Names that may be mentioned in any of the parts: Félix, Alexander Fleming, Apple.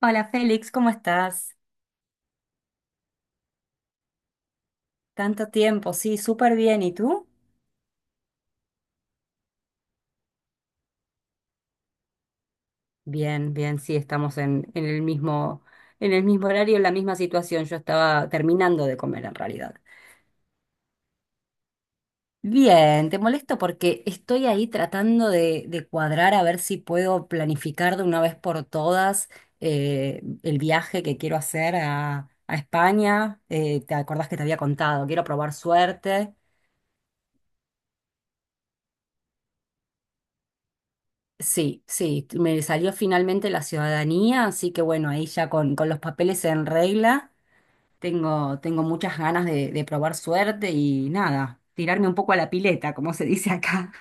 Hola Félix, ¿cómo estás? Tanto tiempo, sí, súper bien. ¿Y tú? Bien, bien, sí, estamos en el mismo, en el mismo horario, en la misma situación. Yo estaba terminando de comer en realidad. Bien, te molesto porque estoy ahí tratando de cuadrar a ver si puedo planificar de una vez por todas el viaje que quiero hacer a España. ¿Te acordás que te había contado? Quiero probar suerte. Sí, sí, me salió finalmente la ciudadanía, así que bueno, ahí ya con los papeles en regla, tengo muchas ganas de probar suerte y nada, tirarme un poco a la pileta, como se dice acá.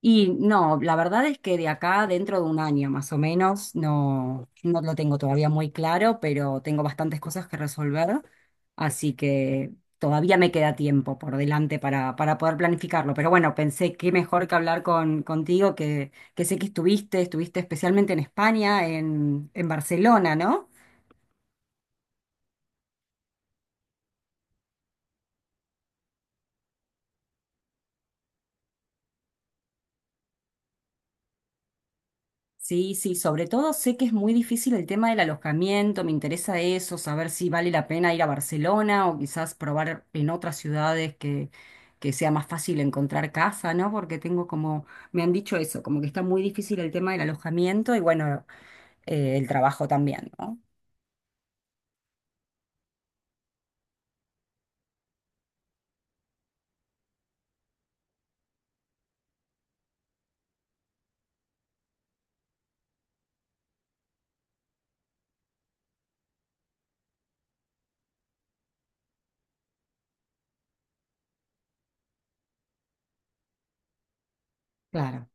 Y no, la verdad es que de acá, dentro de un año más o menos, no, no lo tengo todavía muy claro, pero tengo bastantes cosas que resolver, así que todavía me queda tiempo por delante para poder planificarlo. Pero bueno, pensé que mejor que hablar con, contigo, que sé que estuviste especialmente en España, en Barcelona, ¿no? Sí, sí, sobre todo sé que es muy difícil el tema del alojamiento, me interesa eso, saber si vale la pena ir a Barcelona o quizás probar en otras ciudades que sea más fácil encontrar casa, ¿no? Porque tengo como, me han dicho eso, como que está muy difícil el tema del alojamiento y bueno, el trabajo también, ¿no? Claro.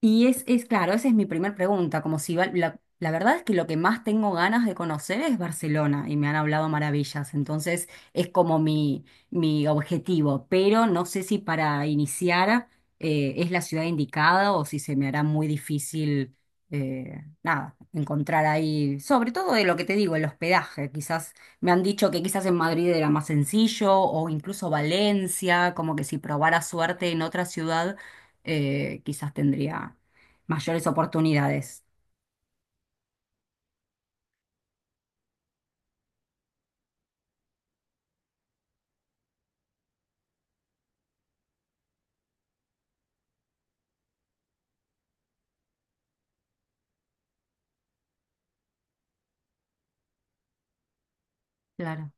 Y es claro, esa es mi primera pregunta, como si va- la verdad es que lo que más tengo ganas de conocer es Barcelona y me han hablado maravillas, entonces es como mi objetivo, pero no sé si para iniciar es la ciudad indicada o si se me hará muy difícil, nada, encontrar ahí, sobre todo de lo que te digo, el hospedaje, quizás me han dicho que quizás en Madrid era más sencillo o incluso Valencia, como que si probara suerte en otra ciudad quizás tendría mayores oportunidades. Claro.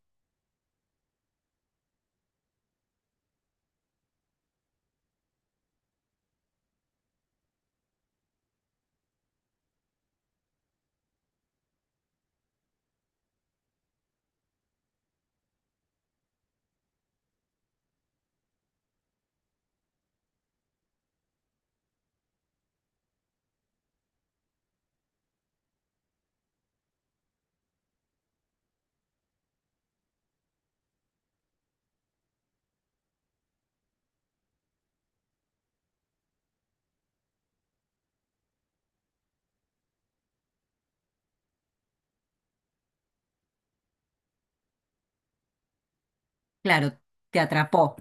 Claro, te atrapó,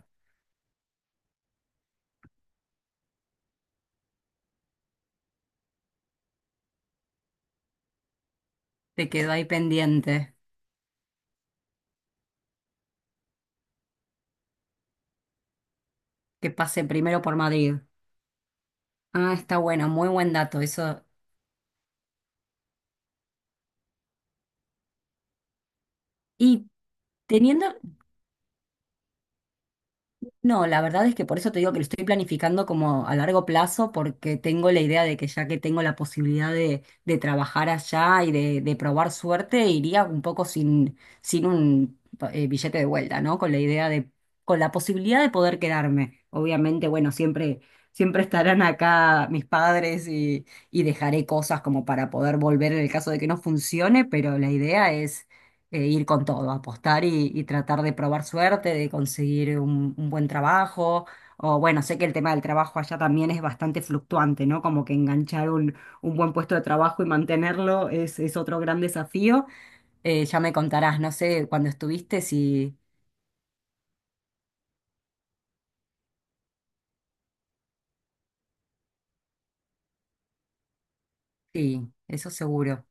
te quedó ahí pendiente, que pase primero por Madrid. Ah, está bueno, muy buen dato eso. Y teniendo No, la verdad es que por eso te digo que lo estoy planificando como a largo plazo, porque tengo la idea de que ya que tengo la posibilidad de trabajar allá y de probar suerte, iría un poco sin, sin un billete de vuelta, ¿no? Con la idea de, con la posibilidad de poder quedarme. Obviamente, bueno, siempre, siempre estarán acá mis padres y dejaré cosas como para poder volver en el caso de que no funcione, pero la idea ir con todo, apostar y tratar de probar suerte, de conseguir un buen trabajo. O bueno, sé que el tema del trabajo allá también es bastante fluctuante, ¿no? Como que enganchar un buen puesto de trabajo y mantenerlo es otro gran desafío. Ya me contarás, no sé, cuando estuviste, si, sí, eso seguro,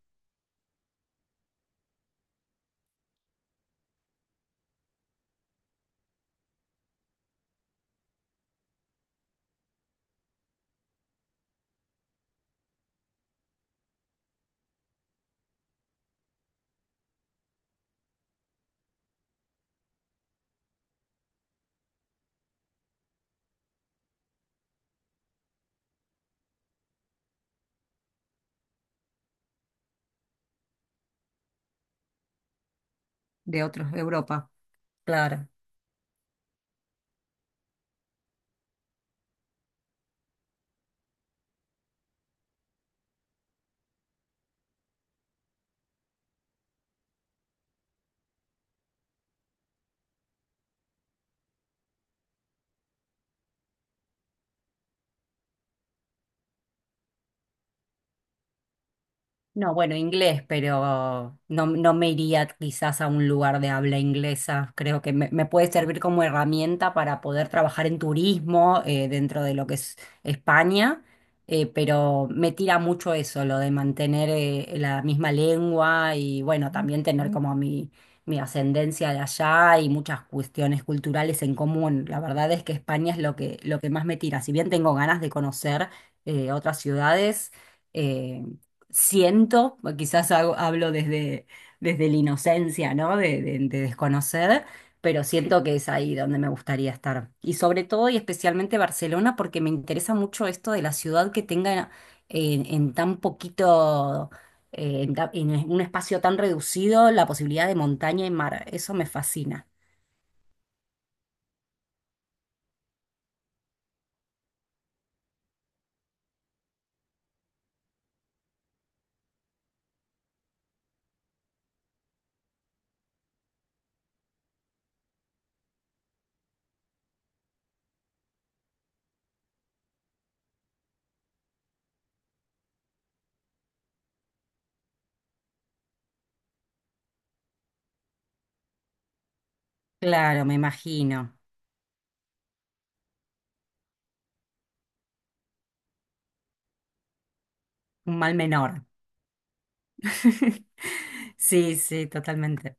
de otros de Europa, claro. No, bueno, inglés, pero no, no me iría quizás a un lugar de habla inglesa. Creo que me puede servir como herramienta para poder trabajar en turismo dentro de lo que es España, pero me tira mucho eso, lo de mantener la misma lengua y bueno, también tener como mi ascendencia de allá y muchas cuestiones culturales en común. La verdad es que España es lo que más me tira. Si bien tengo ganas de conocer otras ciudades. eh, Siento, o quizás hago- hablo desde, desde la inocencia, ¿no? De desconocer, pero siento que es ahí donde me gustaría estar. Y sobre todo y especialmente Barcelona, porque me interesa mucho esto de la ciudad que tenga en tan poquito, en, ta- en un espacio tan reducido, la posibilidad de montaña y mar. Eso me fascina. Claro, me imagino. Un mal menor. Sí, sí, totalmente.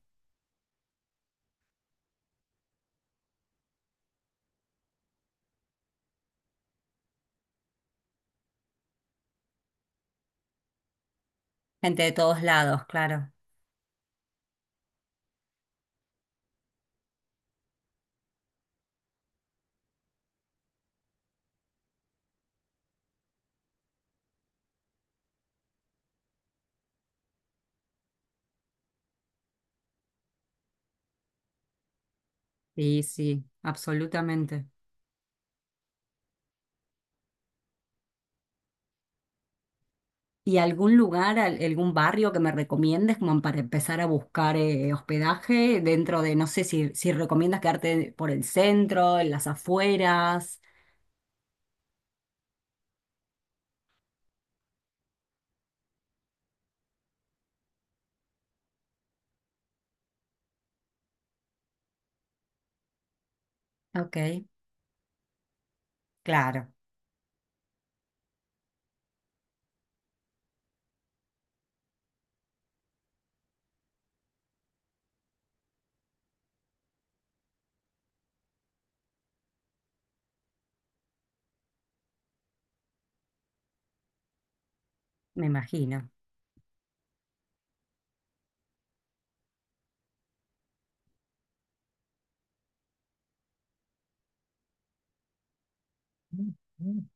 Gente de todos lados, claro. Sí, sí, absolutamente. ¿Y algún lugar, al- algún barrio que me recomiendes como para empezar a buscar hospedaje dentro de, no sé si, si recomiendas quedarte por el centro, en las afueras? Ok, claro, me imagino. Mm.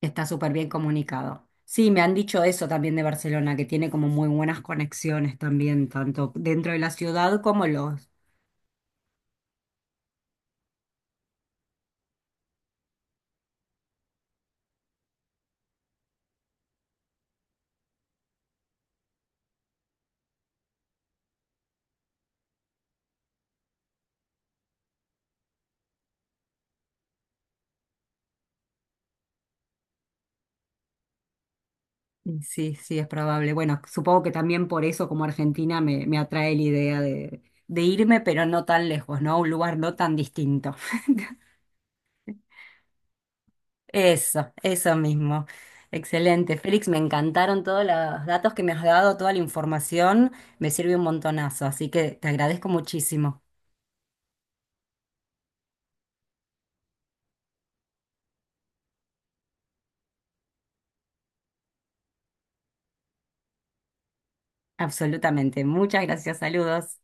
Está súper bien comunicado. Sí, me han dicho eso también de Barcelona, que tiene como muy buenas conexiones también, tanto dentro de la ciudad como los, Y sí, sí, es probable. Bueno, supongo que también por eso como Argentina me, me atrae la idea de irme, pero no tan lejos, ¿no? A un lugar no tan distinto. Eso mismo. Excelente. Félix, me encantaron todos los datos que me has dado, toda la información, me sirve un montonazo, así que te agradezco muchísimo. Absolutamente. Muchas gracias, saludos.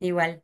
Igual.